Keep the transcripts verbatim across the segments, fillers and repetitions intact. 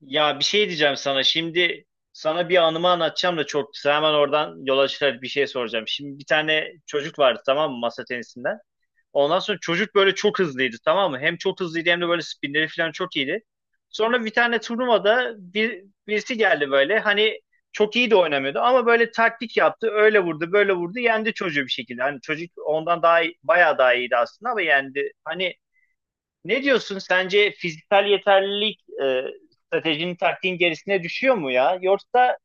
Ya bir şey diyeceğim sana. Şimdi sana bir anımı anlatacağım da çok kısa. Hemen oradan yola çıkarak bir şey soracağım. Şimdi bir tane çocuk vardı tamam mı masa tenisinden. Ondan sonra çocuk böyle çok hızlıydı tamam mı? Hem çok hızlıydı hem de böyle spinleri falan çok iyiydi. Sonra bir tane turnuvada bir, birisi geldi böyle. Hani çok iyi de oynamıyordu ama böyle taktik yaptı. Öyle vurdu, böyle vurdu. Yendi çocuğu bir şekilde. Hani çocuk ondan daha iyi, bayağı daha iyiydi aslında ama yendi. Hani ne diyorsun? Sence fiziksel yeterlilik e, stratejinin taktiğin gerisine düşüyor mu ya? Yoksa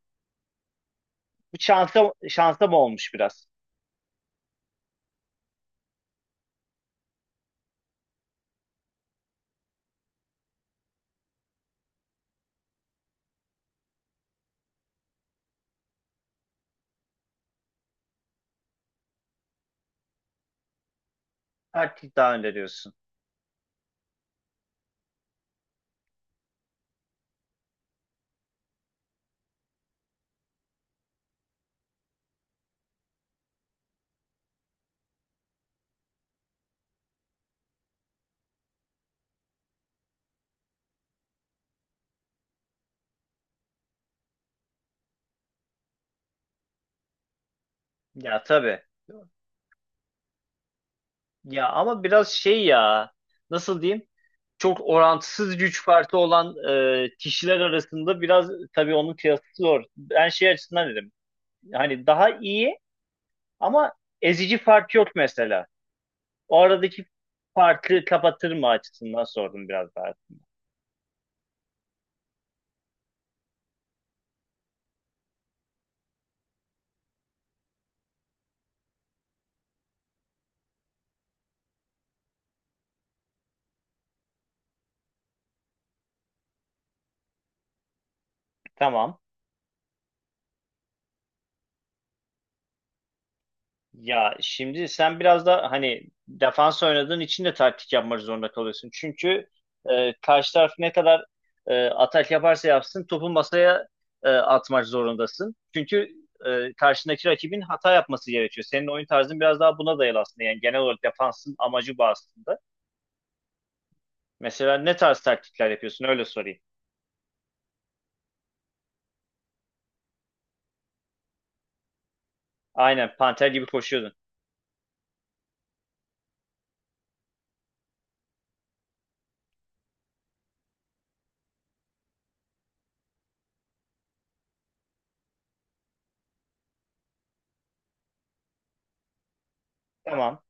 bu şansa, şansa mı olmuş biraz? Taktik daha önde diyorsun. Ya tabii. Ya ama biraz şey ya, nasıl diyeyim? Çok orantısız güç farkı olan e, kişiler arasında biraz tabii onun kıyası zor. Ben şey açısından dedim. Hani daha iyi ama ezici fark yok mesela. O aradaki farkı kapatır mı açısından sordum biraz daha. Tamam. Ya şimdi sen biraz da hani defans oynadığın için de taktik yapmak zorunda kalıyorsun. Çünkü e, karşı taraf ne kadar e, atak yaparsa yapsın topu masaya e, atmak zorundasın. Çünkü e, karşındaki rakibin hata yapması gerekiyor. Senin oyun tarzın biraz daha buna dayalı aslında. Yani genel olarak defansın amacı bu aslında. Mesela ne tarz taktikler yapıyorsun? Öyle sorayım. Aynen panter gibi koşuyordun. Tamam.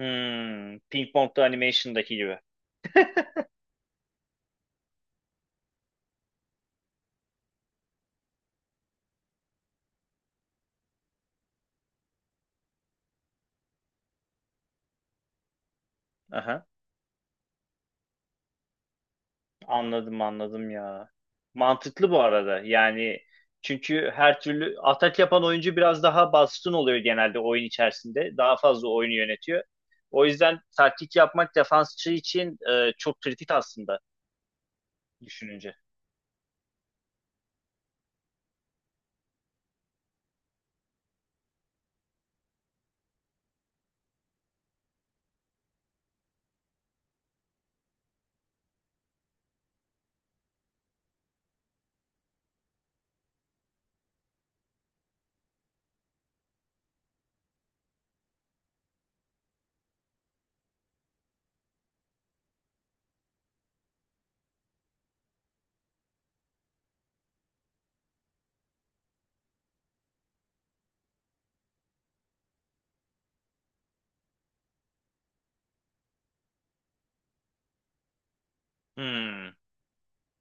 Hmm, Ping Pong'da animation'daki gibi. Anladım anladım ya. Mantıklı bu arada. Yani çünkü her türlü atak yapan oyuncu biraz daha baskın oluyor genelde oyun içerisinde. Daha fazla oyunu yönetiyor. O yüzden taktik yapmak defansçı için e, çok kritik aslında düşününce. Hmm,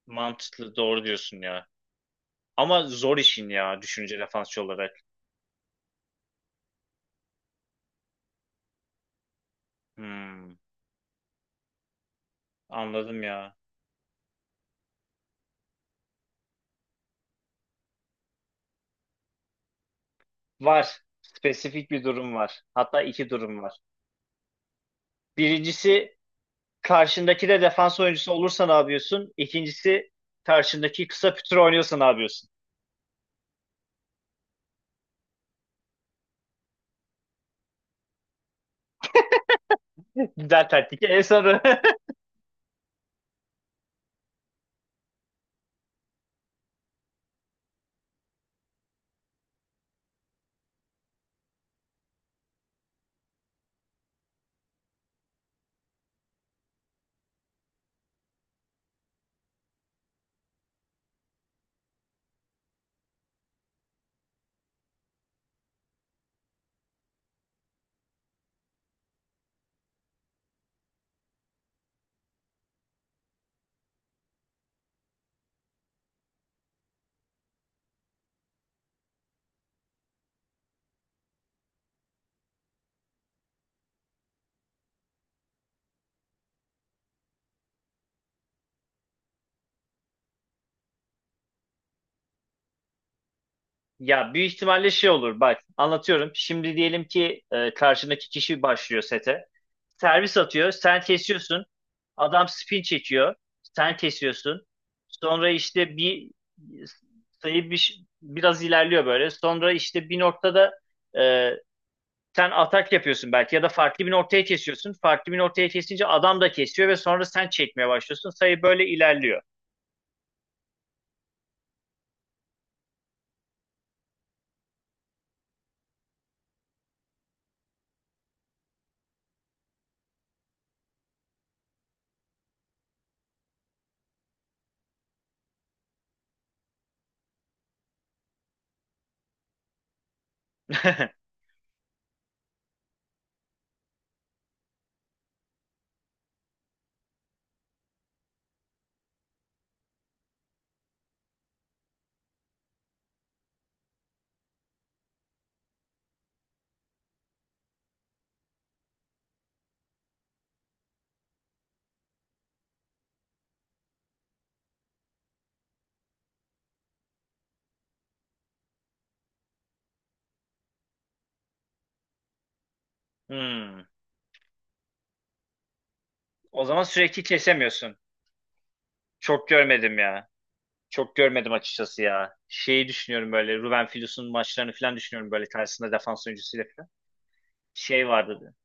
mantıklı, doğru diyorsun ya. Ama zor işin ya düşününce defansçı olarak. Hmm, anladım ya. Var. Spesifik bir durum var. Hatta iki durum var. Birincisi, Karşındaki de defans oyuncusu olursa ne yapıyorsun? İkincisi, karşındaki kısa pütür oynuyorsa ne yapıyorsun? Güzel taktik. En sonu. Ya büyük ihtimalle şey olur, bak anlatıyorum. Şimdi diyelim ki e, karşındaki kişi başlıyor sete. Servis atıyor. Sen kesiyorsun. Adam spin çekiyor. Sen kesiyorsun. Sonra işte bir sayı, bir, biraz ilerliyor böyle. Sonra işte bir noktada e, sen atak yapıyorsun belki ya da farklı bir ortaya kesiyorsun. Farklı bir ortaya kesince adam da kesiyor ve sonra sen çekmeye başlıyorsun. Sayı böyle ilerliyor. Hmm. O zaman sürekli kesemiyorsun. Çok görmedim ya. Çok görmedim açıkçası ya. Şeyi düşünüyorum, böyle Ruben Filus'un maçlarını falan düşünüyorum böyle, karşısında defans oyuncusuyla falan. Şey vardı.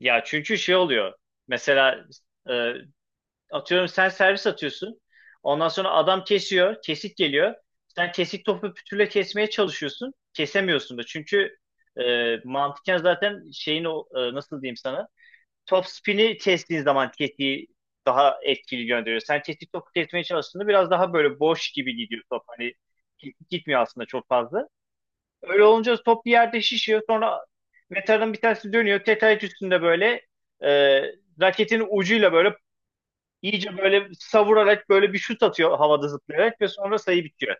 Ya çünkü şey oluyor. Mesela e, atıyorum sen servis atıyorsun. Ondan sonra adam kesiyor. Kesik geliyor. Sen kesik topu pütürle kesmeye çalışıyorsun. Kesemiyorsun da. Çünkü e, mantıken zaten şeyin o, e, nasıl diyeyim sana. Top spin'i kestiğin zaman kesiği daha etkili gönderiyor. Sen kesik topu kesmeye çalıştığında biraz daha böyle boş gibi gidiyor top. Hani kesik gitmiyor aslında çok fazla. Öyle olunca top bir yerde şişiyor. Sonra metanın bir tanesi dönüyor. Tetayet üstünde böyle, e, raketin ucuyla böyle İyice böyle savurarak böyle bir şut atıyor havada zıplayarak ve sonra sayı bitiyor.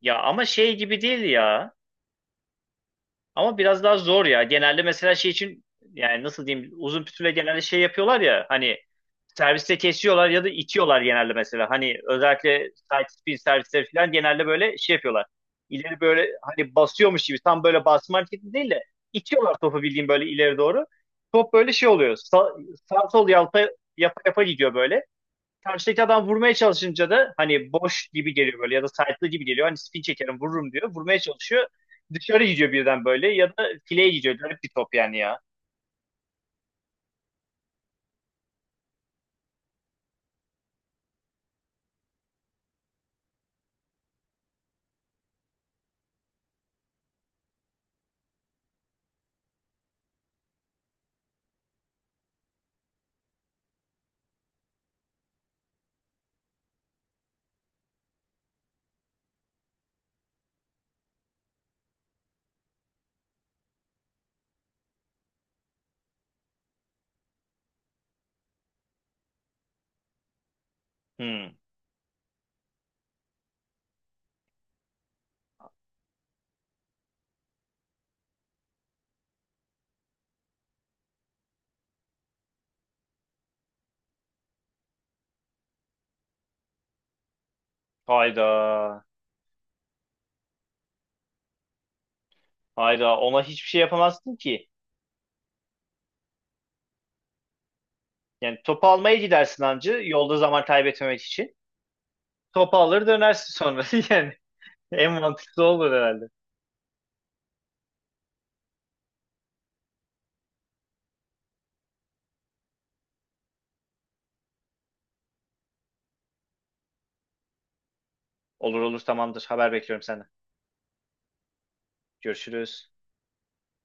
Ya ama şey gibi değil ya. Ama biraz daha zor ya. Genelde mesela şey için, yani nasıl diyeyim, uzun pütüle genelde şey yapıyorlar ya, hani serviste kesiyorlar ya da itiyorlar genelde mesela. Hani özellikle side spin servisleri falan genelde böyle şey yapıyorlar. İleri böyle, hani basıyormuş gibi, tam böyle basma hareketi değil de itiyorlar topu bildiğin böyle ileri doğru. Top böyle şey oluyor. Sa sağ sol yalpa yapa yapa gidiyor böyle. karşıdaki adam vurmaya çalışınca da hani boş gibi geliyor böyle ya da side'lı gibi geliyor. Hani spin çekerim vururum diyor. Vurmaya çalışıyor. Dışarı gidiyor birden böyle ya da fileye gidiyor. Garip bir top yani ya. Hmm. Hayda. Hayda. Ona hiçbir şey yapamazsın ki. Yani topu almaya gidersin ancı yolda zaman kaybetmemek için. Topu alır dönersin sonra. Yani en mantıklı olur herhalde. Olur olur, tamamdır. Haber bekliyorum senden. Görüşürüz.